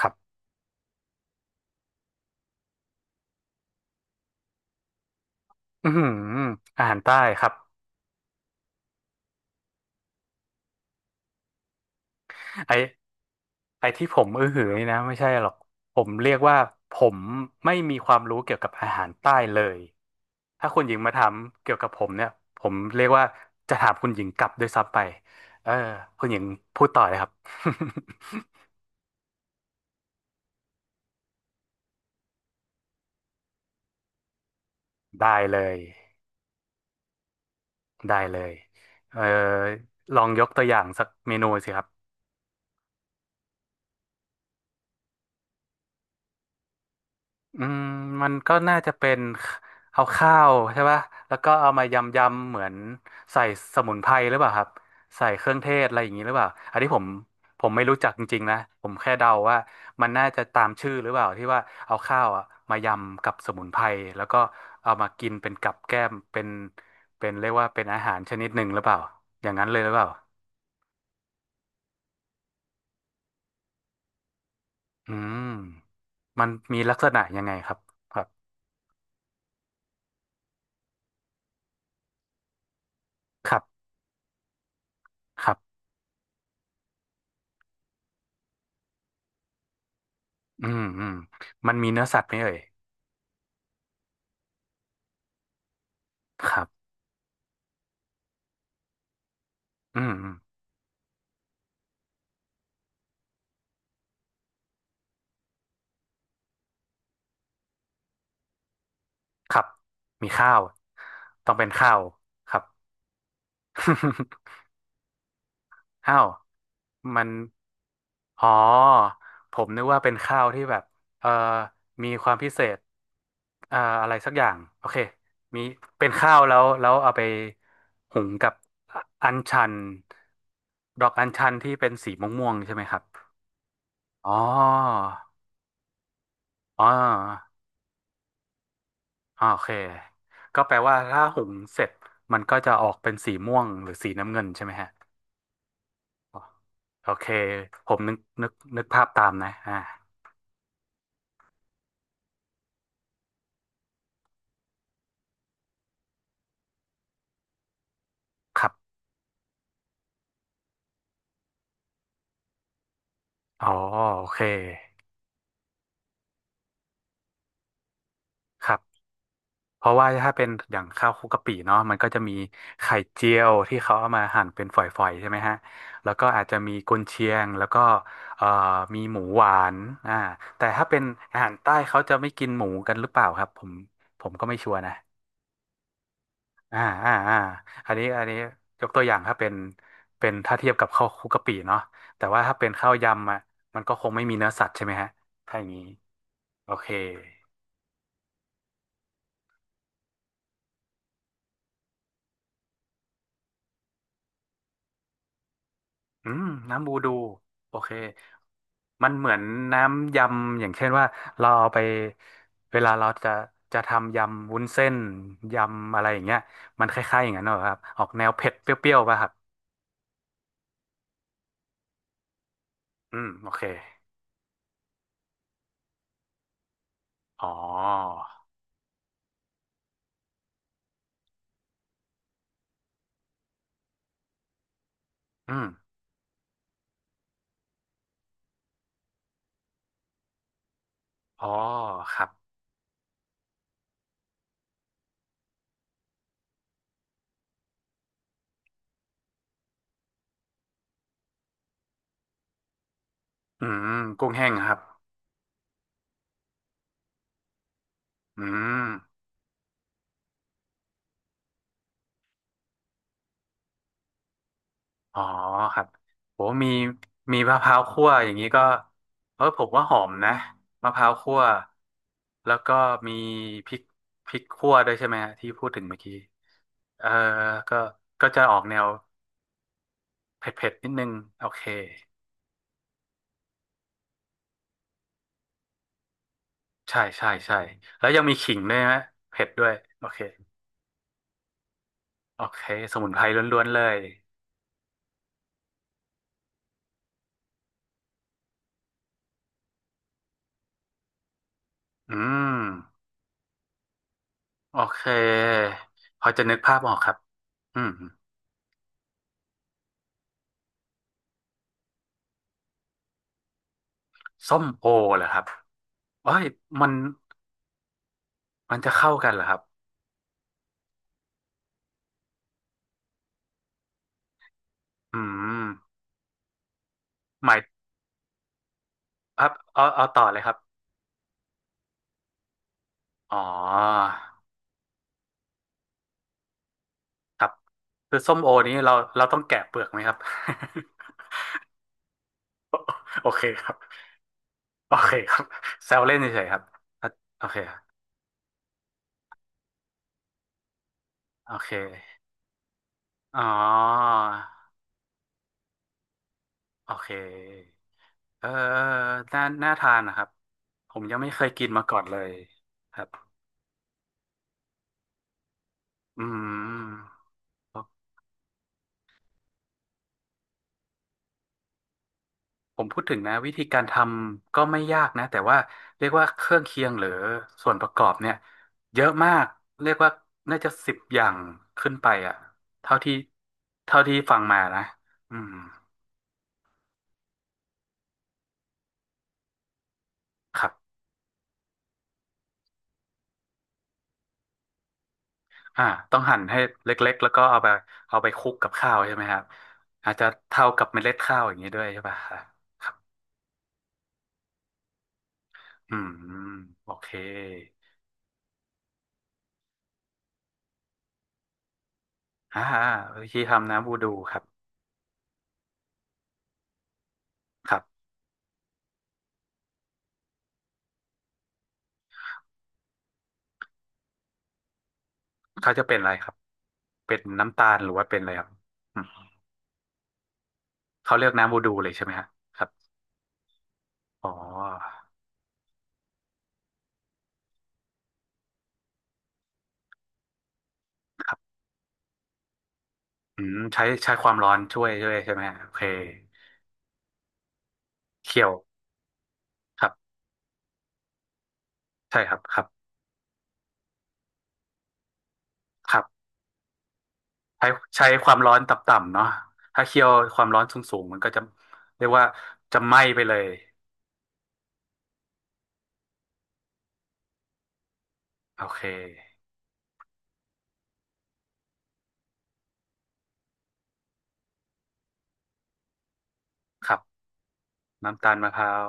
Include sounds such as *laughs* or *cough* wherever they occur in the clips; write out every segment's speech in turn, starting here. ครับอือหืออาหารใต้ครับไอไอที่ผมอื้อหือนี่นะไม่ใช่หรอกผมเรียกว่าผมไม่มีความรู้เกี่ยวกับอาหารใต้เลยถ้าคุณหญิงมาถามเกี่ยวกับผมเนี่ยผมเรียกว่าจะถามคุณหญิงกลับด้วยซ้ำไปเออคุณหญิงพูดต่อเลยครับ *laughs* ได้เลยได้เลยเออลองยกตัวอย่างสักเมนูสิครับ อืมมันก็น่าจะเป็นเอาข้าวใช่ป่ะแล้วก็เอามายำยำเหมือนใส่สมุนไพรหรือเปล่าครับใส่เครื่องเทศอะไรอย่างนี้หรือเปล่าอันนี้ผมไม่รู้จักจริงๆนะผมแค่เดาว่ามันน่าจะตามชื่อหรือเปล่าที่ว่าเอาข้าวอะมายำกับสมุนไพรแล้วก็เอามากินเป็นกับแก้มเป็นเป็นเรียกว่าเป็นอาหารชนิดหนึ่งหรือเปล่าอย่างนั้นเลยหรือเปล่าอืมมันมีลักษณะยังไงครับครับครับครับอืมอืมมันมีเนื้อสัตว์ไหมเอ่ย ครับอืมอืมครับ มีข้าว ต้องเป็นข้าว ครับ *laughs* อ้าว มัน อ๋อ ผมนึกว่าเป็นข้าวที่แบบ เอ่อมีความพิเศษอะไรสักอย่าง โอเค มี เป็นข้าวแล้ว แล้วเอาไปหุงกับอัญชัน ดอกอัญชันที่เป็นสีม่วงๆใช่ไหมครับ อ๋อ อ๋อ อ่าโอเคก็แปลว่าถ้าหุงเสร็จมันก็จะออกเป็นสีม่วงหรือสีน้ำเงินใช่ไหมฮะโอเคผมนึกภาพตามนะอ่าครับอ๋อโอเคครับเพราะว่าถ้าเป็นอย่างข้าวคลุกกะปิเนาะมันก็จะมีไข่เจียวที่เขาเอามาหั่นเป็นฝอยๆใช่ไหมฮะแล้วก็อาจจะมีกุนเชียงแล้วก็เอ่อมีหมูหวานอ่าแต่ถ้าเป็นอาหารใต้เขาจะไม่กินหมูกันหรือเปล่าครับผมผมก็ไม่ชัวร์นะ อ่าอ่าอ่าอันนี้ยกตัวอย่างถ้าเป็นเป็นถ้าเทียบกับข้าวคลุกกะปิเนาะแต่ว่าถ้าเป็นข้าวยำอ่ะมันก็คงไม่มีเนื้อสัตว์ใช่ไหมฮะถ้าอย่างนี้โอเคอืมน้ำบูดูโอเคมันเหมือนน้ำยำอย่างเช่นว่าเราเอาไปเวลาเราจะจะทำยำวุ้นเส้นยำอะไรอย่างเงี้ยมันคล้ายๆอย่างนั้นเหรอครับออกแนวเผ็ดเปรี้ยวๆป่ะครับอืมโอเคอ๋ออืมอ๋อครับอืมกุ้งแห้งครับ อืมอ๋อครับโหมีมีมะพร้าวคั่วอย่างนี้ก็เออผมว่าหอมนะมะพร้าวคั่วแล้วก็มีพริกพริกคั่วด้วยใช่ไหมฮะที่พูดถึงเมื่อกี้ เออก็ก็จะออกแนวเผ็ดๆนิดนึง โอเคใช่ใช่ใช่แล้วยังมีขิงด้วยไหมเผ็ดด้วย โอเคโอเคสมุนไพรล้วนๆเลยอืมโอเคพอจะนึกภาพออกครับอืม ส้มโอเหรอครับเอ้ยมันมันจะเข้ากันเหรอครับอืมหมายครับเอาเอาต่อเลยครับอ๋อครับคือส้มโอนี้เราเราต้องแกะเปลือกไหมครับ *laughs* โอเคครับโอเคครับแซวเล่นเฉยๆครับอ่ะโอเคโอเคอ๋อโอเคเออน่าน่าทานนะครับผมยังไม่เคยกินมาก่อนเลยครับอืม ผมพูดถึงนะวิธีการทำก็ไม่ยากนะแต่ว่าเรียกว่าเครื่องเคียงหรือส่วนประกอบเนี่ยเยอะมากเรียกว่าน่าจะสิบอย่างขึ้นไปอ่ะเท่าที่เท่าที่ฟังมานะอืมครับอ่าต้องหั่นให้เล็กๆแล้วก็เอาไปเอาไปคลุกกับข้าวใช่ไหมครับอาจจะเท่ากับเมล็ดข้าวอย่างนี้ด้วยใช่ป่ะครับครับอืมโอเคอ่าวิธีทำน้ำบูดูครับครับเขาจะเป็นอะไรครับเป็นน้ำตาลหรือว่าเป็นอะไรครับ เขาเลือกน้ำบูดูเลยใช่ไหมฮะครับอ๋อครับอืมใช้ความร้อนช่วยใช่ไหมฮะโอเคเคี่ยวครับใช่ครับครับครับใช้ใช้ความร้อนต่ำๆเนาะถ้าเคี่ยวความร้อนสูงๆมันก็จะเรียกว่าจะไหม้ไปเลยโอเคครับน้ำตาลมะพร้าว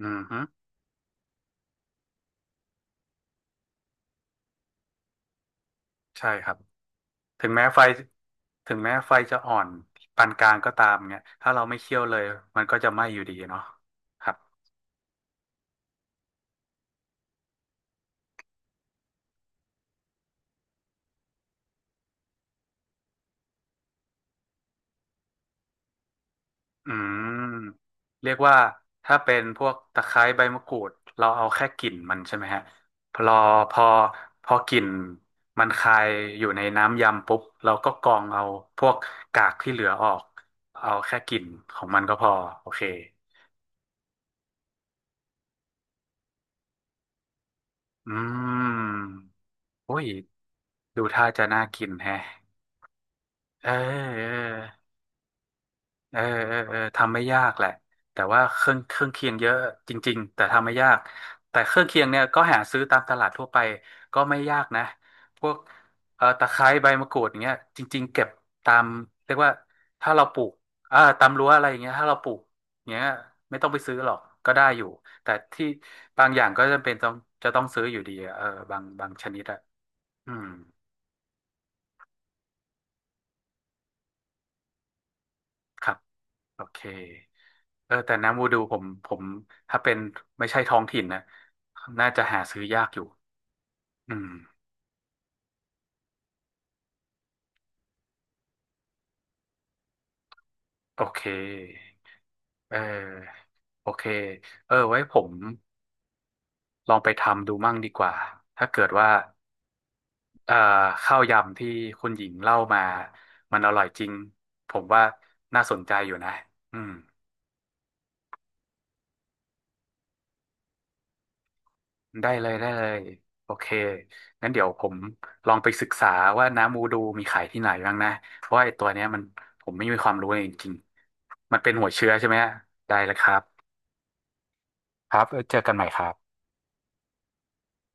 อืมฮึใช่ครับถึงแม้ไฟถึงแม้ไฟจะอ่อนปานกลางก็ตามเนี่ยถ้าเราไม่เคี่ยวเลยมันก็จะไหม้อยู่ดีเนาะครับ อืมเรียกว่าถ้าเป็นพวกตะไคร้ใบมะกรูดเราเอาแค่กลิ่นมันใช่ไหมฮะพอพอพอกลิ่นมันคายอยู่ในน้ำยำปุ๊บเราก็กรองเอาพวกกากที่เหลือออกเอาแค่กลิ่นของมันก็พอโอเคอืมโอ้ยดูท่าจะน่ากินแฮะเออเออ เออเออเออทำไม่ยากแหละแต่ว่าเครื่องเคียงเยอะจริงๆแต่ทำไม่ยากแต่เครื่องเคียงเนี่ยก็หาซื้อตามตลาดทั่วไปก็ไม่ยากนะพวกตะไคร้ใบมะกรูดอย่างเงี้ยจริงๆเก็บตามเรียกว่าถ้าเราปลูกตามรั้วอะไรอย่างเงี้ยถ้าเราปลูกอย่างเงี้ยไม่ต้องไปซื้อหรอกก็ได้อยู่แต่ที่บางอย่างก็จำเป็นต้องจะต้องซื้ออยู่ดีอะเออบางชนิดอะอืมครับ โอเคเออแต่น้ำวูดูผมถ้าเป็นไม่ใช่ท้องถิ่นนะน่าจะหาซื้อยากอยู่อืมโอเค เออ โอเค เออ ไว้ผมลองไปทำดูมั่งดีกว่า ถ้าเกิดว่าเอ่อข้าวยำที่คุณหญิงเล่ามามันอร่อยจริง ผมว่าน่าสนใจอยู่นะอืม ได้เลยได้เลยโอเคงั้นเดี๋ยวผมลองไปศึกษาว่าน้ำมูดูมีขายที่ไหนบ้างนะเพราะว่าไอ้ตัวเนี้ยมันผมไม่มีความรู้เลยจริงๆมันเป็นหัวเชื้อใช่ไหมฮะได้เลยครับครับเจอกันใหม่ครับ